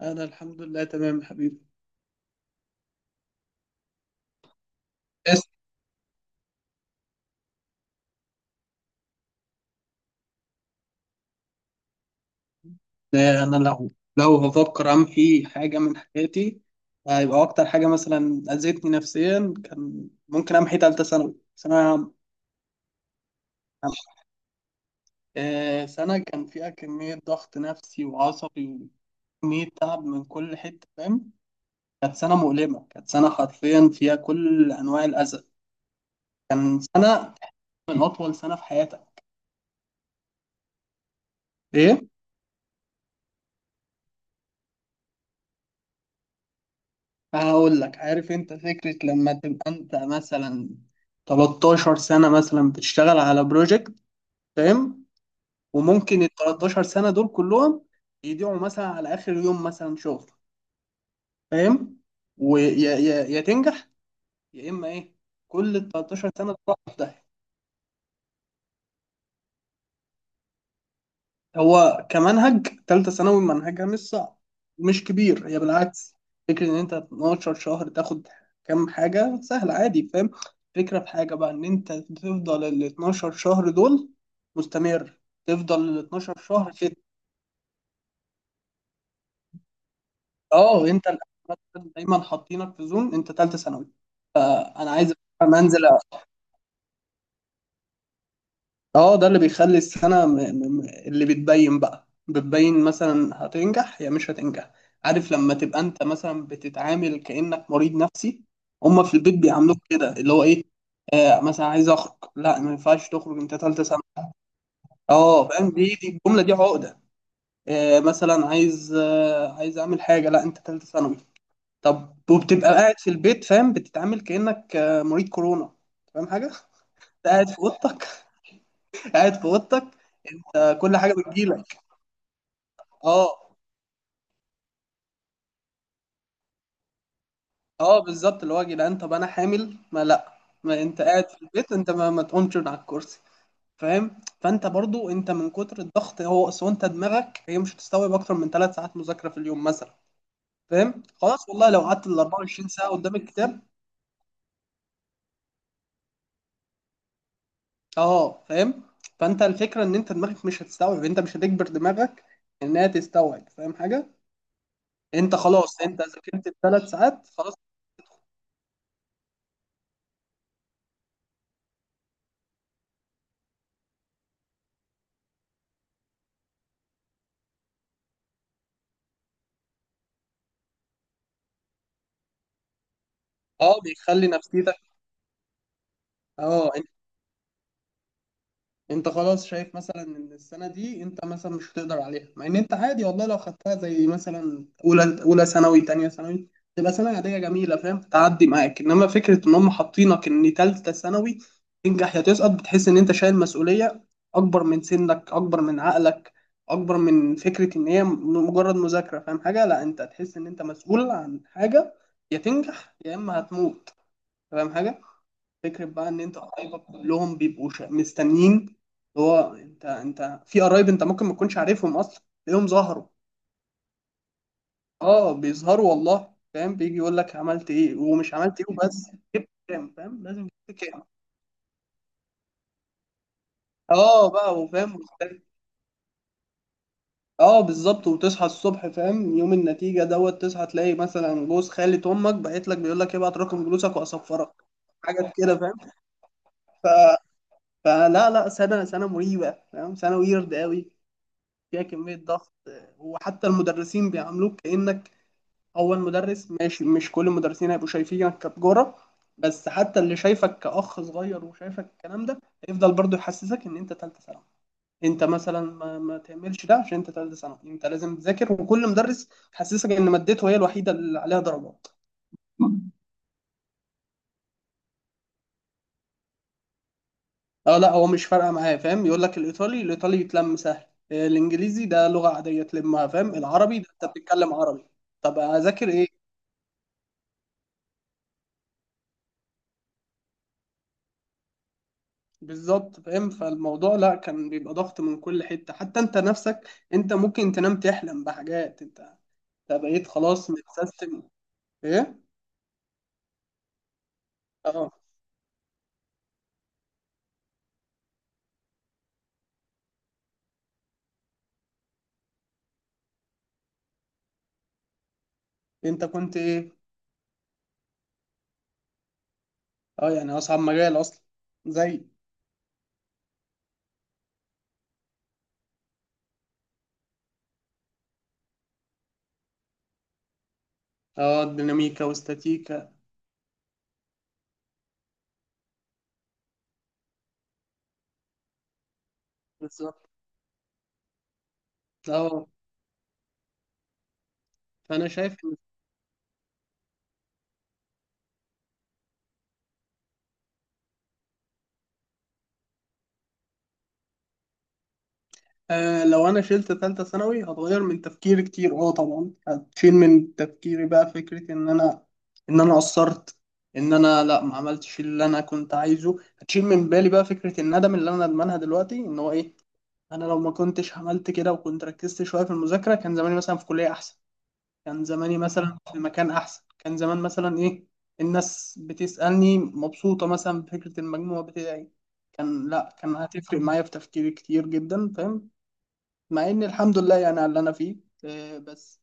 أنا الحمد لله تمام يا حبيبي. بس. أنا لو بفكر أعمل في حاجة من حياتي، هيبقى أكتر حاجة مثلا أذتني نفسيا كان ممكن أمحي تالتة ثانوي ثانوية عامة. سنة كان فيها كمية ضغط نفسي وعصبي وكمية تعب من كل حتة، فاهم؟ كانت سنة مؤلمة، كانت سنة حرفيا فيها كل أنواع الأذى، كان سنة من أطول سنة في حياتك. إيه؟ هقول لك. عارف انت فكرة لما تبقى انت مثلا 13 سنة مثلا بتشتغل على بروجكت، فاهم؟ وممكن ال 13 سنة دول كلهم يضيعوا مثلا على آخر يوم مثلا شغل، فاهم؟ ويا يا يا تنجح يا إما إيه، كل ال 13 سنة تروح في داهية. هو كمنهج تالتة ثانوي منهجها مش صعب ومش كبير، هي بالعكس. فكرة إن أنت 12 شهر تاخد كام حاجة سهل عادي، فاهم؟ فكرة في حاجة بقى إن أنت تفضل ال 12 شهر دول مستمر، تفضل ال 12 شهر كده. أه، أنت الأول مثلاً دايما حاطينك في زون أنت تالتة ثانوي، أنا عايز أفهم أنزل. اه ده اللي بيخلي السنة اللي بتبين بقى بتبين مثلا هتنجح يا مش هتنجح. عارف لما تبقى انت مثلا بتتعامل كأنك مريض نفسي، هما في البيت بيعاملوك كده اللي هو ايه. آه مثلا عايز اخرج، لا ما ينفعش تخرج انت تالتة سنة. اه فاهم، دي الجملة دي عقدة. آه مثلا عايز، آه عايز اعمل حاجة، لا انت تالتة ثانوي. طب وبتبقى قاعد في البيت، فاهم، بتتعامل كأنك آه مريض كورونا. فاهم حاجة؟ قاعد في اوضتك. قاعد في اوضتك. آه كل حاجة بتجيلك. اه. اه بالظبط، اللي هو يا جدعان، طب انا حامل ما لا، ما انت قاعد في البيت انت ما تقومش من على الكرسي. فاهم؟ فانت برضو انت من كتر الضغط، هو اصل انت دماغك هي مش هتستوعب اكتر من ثلاث ساعات مذاكره في اليوم مثلا، فاهم؟ خلاص والله لو قعدت ال 24 ساعه قدام الكتاب. اه فاهم. فانت الفكره ان انت دماغك مش هتستوعب، انت مش هتجبر دماغك انها تستوعب، فاهم حاجه؟ انت خلاص، انت ذاكرت الثلاث ساعات خلاص. اه بيخلي نفسيتك. اه انت خلاص شايف مثلا ان السنه دي انت مثلا مش هتقدر عليها، مع ان انت عادي والله لو خدتها زي مثلا اولى ثانوي تانية ثانوي، تبقى سنه عاديه جميله، فاهم، تعدي معاك. انما فكره ان هم حاطينك ان تالتة ثانوي، تنجح يا تسقط، بتحس ان انت شايل مسؤوليه اكبر من سنك، اكبر من عقلك، اكبر من فكره ان هي مجرد مذاكره، فاهم حاجه؟ لا انت هتحس ان انت مسؤول عن حاجه، يا تنجح يا اما هتموت. فاهم حاجه؟ فكرة بقى ان انت قرايبك كلهم بيبقوا مستنيين، اللي هو انت في قرايب انت ممكن ما تكونش عارفهم اصلا تلاقيهم ظهروا. اه بيظهروا والله، فاهم، بيجي يقول لك عملت ايه ومش عملت ايه، وبس جبت كام، فاهم لازم، جبت كام. اه بقى وفاهم وبتاع. اه بالظبط، وتصحى الصبح فاهم يوم النتيجة دوت، تصحى تلاقي مثلا جوز خالة امك بعت لك بيقول لك ابعت رقم جلوسك واصفرك. حاجات كده، فاهم. ف... فلا لا سنة مريبة، فاهم، سنة ويرد قوي فيها كمية ضغط. وحتى المدرسين بيعاملوك كأنك أول مدرس، ماشي مش كل المدرسين هيبقوا شايفينك كتجارة، بس حتى اللي شايفك كأخ صغير وشايفك الكلام ده هيفضل برضه يحسسك إن أنت تالتة ثانوي. أنت مثلا ما تعملش ده عشان أنت تالتة ثانوي، أنت لازم تذاكر. وكل مدرس يحسسك إن مادته هي الوحيدة اللي عليها درجات. اه لا هو مش فارقه معاه، فاهم، يقول لك الايطالي يتلم سهل. آه، الانجليزي ده لغه عاديه تلمها، فاهم، العربي ده انت بتتكلم عربي. طب اذاكر ايه؟ بالظبط، فاهم، فالموضوع لا كان بيبقى ضغط من كل حتة، حتى انت نفسك. انت ممكن تنام تحلم بحاجات، انت بقيت خلاص متسيستم. ايه؟ اه. انت كنت ايه؟ اه يعني اصعب مجال اصلا، زي. اه ديناميكا واستاتيكا. بالظبط. اه فانا شايف. آه لو انا شلت تالتة ثانوي هتغير من تفكيري كتير، اه طبعا، هتشيل من تفكيري بقى فكرة ان انا قصرت، ان انا لا ما عملتش اللي انا كنت عايزه. هتشيل من بالي بقى فكرة الندم اللي انا ندمانها دلوقتي ان هو ايه، انا لو ما كنتش عملت كده وكنت ركزت شوية في المذاكرة كان زماني مثلا في كلية احسن، كان زماني مثلا في مكان احسن، كان زمان مثلا ايه، الناس بتسألني مبسوطة مثلا بفكرة المجموع بتاعي. كان لا كان هتفرق معايا في تفكيري كتير جدا، فاهم، مع ان الحمد لله يعني على اللي انا فيه. آه، بس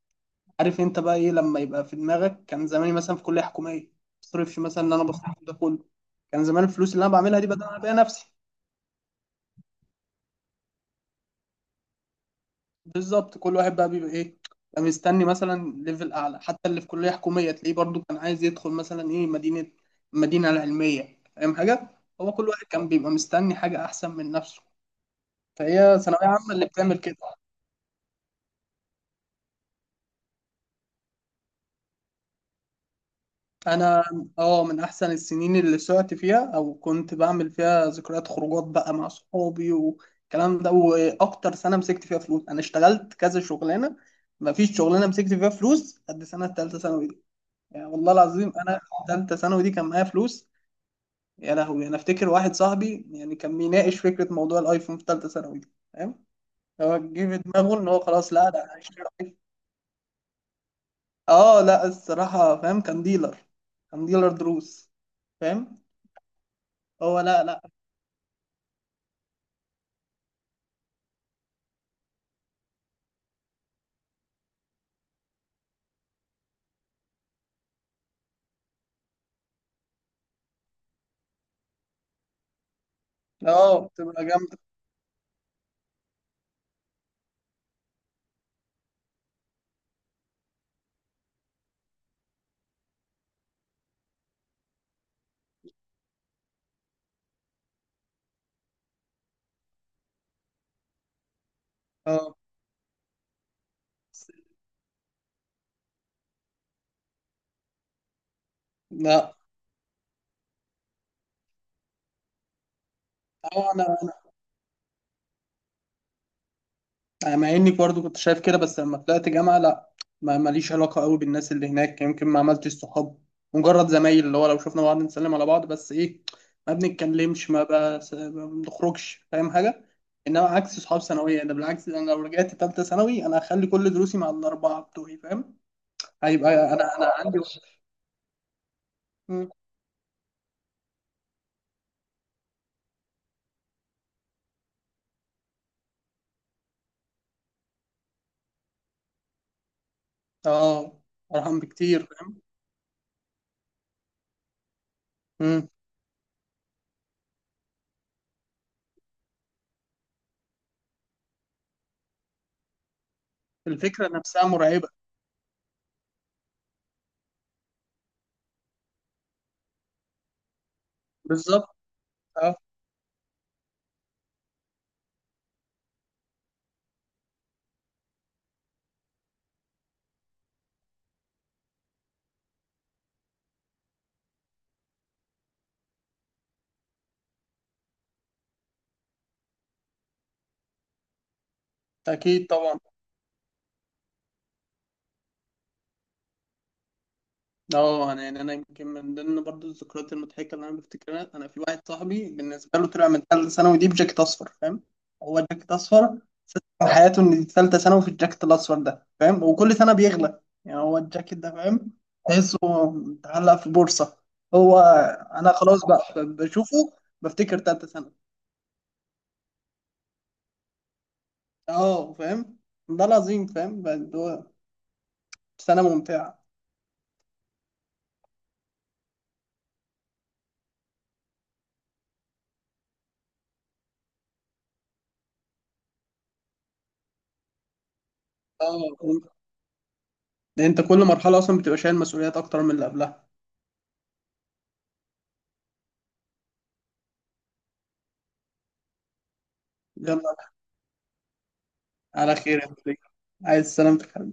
عارف انت بقى ايه لما يبقى في دماغك كان زماني مثلا في كليه حكوميه، مصرفش مثلا اللي انا بصرفه ده كله، كان زمان الفلوس اللي انا بعملها دي بدل انا بيها نفسي. بالظبط، كل واحد بقى بيبقى ايه، بقى مستني مثلا ليفل اعلى، حتى اللي في كليه حكوميه تلاقيه برضو كان عايز يدخل مثلا ايه، مدينه، المدينه العلميه، فاهم حاجه. هو كل واحد كان بيبقى مستني حاجه احسن من نفسه، فهي ثانويه عامه اللي بتعمل كده. انا اه من احسن السنين اللي سعت فيها او كنت بعمل فيها ذكريات خروجات بقى مع صحابي والكلام ده، واكتر سنه مسكت فيها فلوس. انا اشتغلت كذا شغلانه، ما فيش شغلانه مسكت فيها فلوس قد سنه ثالثه ثانوي دي. يعني والله العظيم انا ثالثه ثانوي دي كان معايا فلوس. يا لهوي انا افتكر واحد صاحبي يعني كان بيناقش فكره موضوع الايفون في ثالثه ثانوي دي، فاهم، هو جه في دماغه ان هو خلاص لا ده انا هشتري آيفون. اه لا الصراحه، فاهم، كان ديلر، كان ديلر دروس، فاهم. هو لا لا. اه بتبقى جامدة. اه بس- لا اه انا مع اني برضو كنت شايف كده، بس لما طلعت جامعة لا، ما ماليش علاقة قوي بالناس اللي هناك، يمكن ما عملتش صحاب، مجرد زمايل اللي هو لو شفنا بعض نسلم على بعض بس ايه ما بنتكلمش، ما, بس ما بنخرجش، فاهم حاجة. انما عكس صحاب ثانوية ده، بالعكس، انا لو رجعت تالتة ثانوي انا هخلي كل دروسي مع الاربعة بتوعي، فاهم، هيبقى انا عندي. مم. اه ارحم بكتير فاهم. مم. الفكرة نفسها مرعبة. بالظبط. اه. اكيد طبعا. اه انا يعني انا يمكن من ضمن برضو الذكريات المضحكه اللي انا بفتكرها انا في واحد صاحبي بالنسبه له طلع من ثالثه ثانوي دي بجاكيت اصفر، فاهم، هو جاكيت اصفر من حياته ان دي ثالثه ثانوي في الجاكيت الاصفر ده، فاهم، وكل سنه بيغلى يعني هو الجاكيت ده، فاهم، تحسه متعلق في بورصه. هو انا خلاص بقى بشوفه بفتكر ثالثه ثانوي. اه فاهم، ده العظيم فاهم بقى هو سنه ممتعه. اه لأن انت كل مرحله اصلا بتبقى شايل مسؤوليات اكتر من اللي قبلها. يلا. على خير يا حبيبي. عايز سلامتك.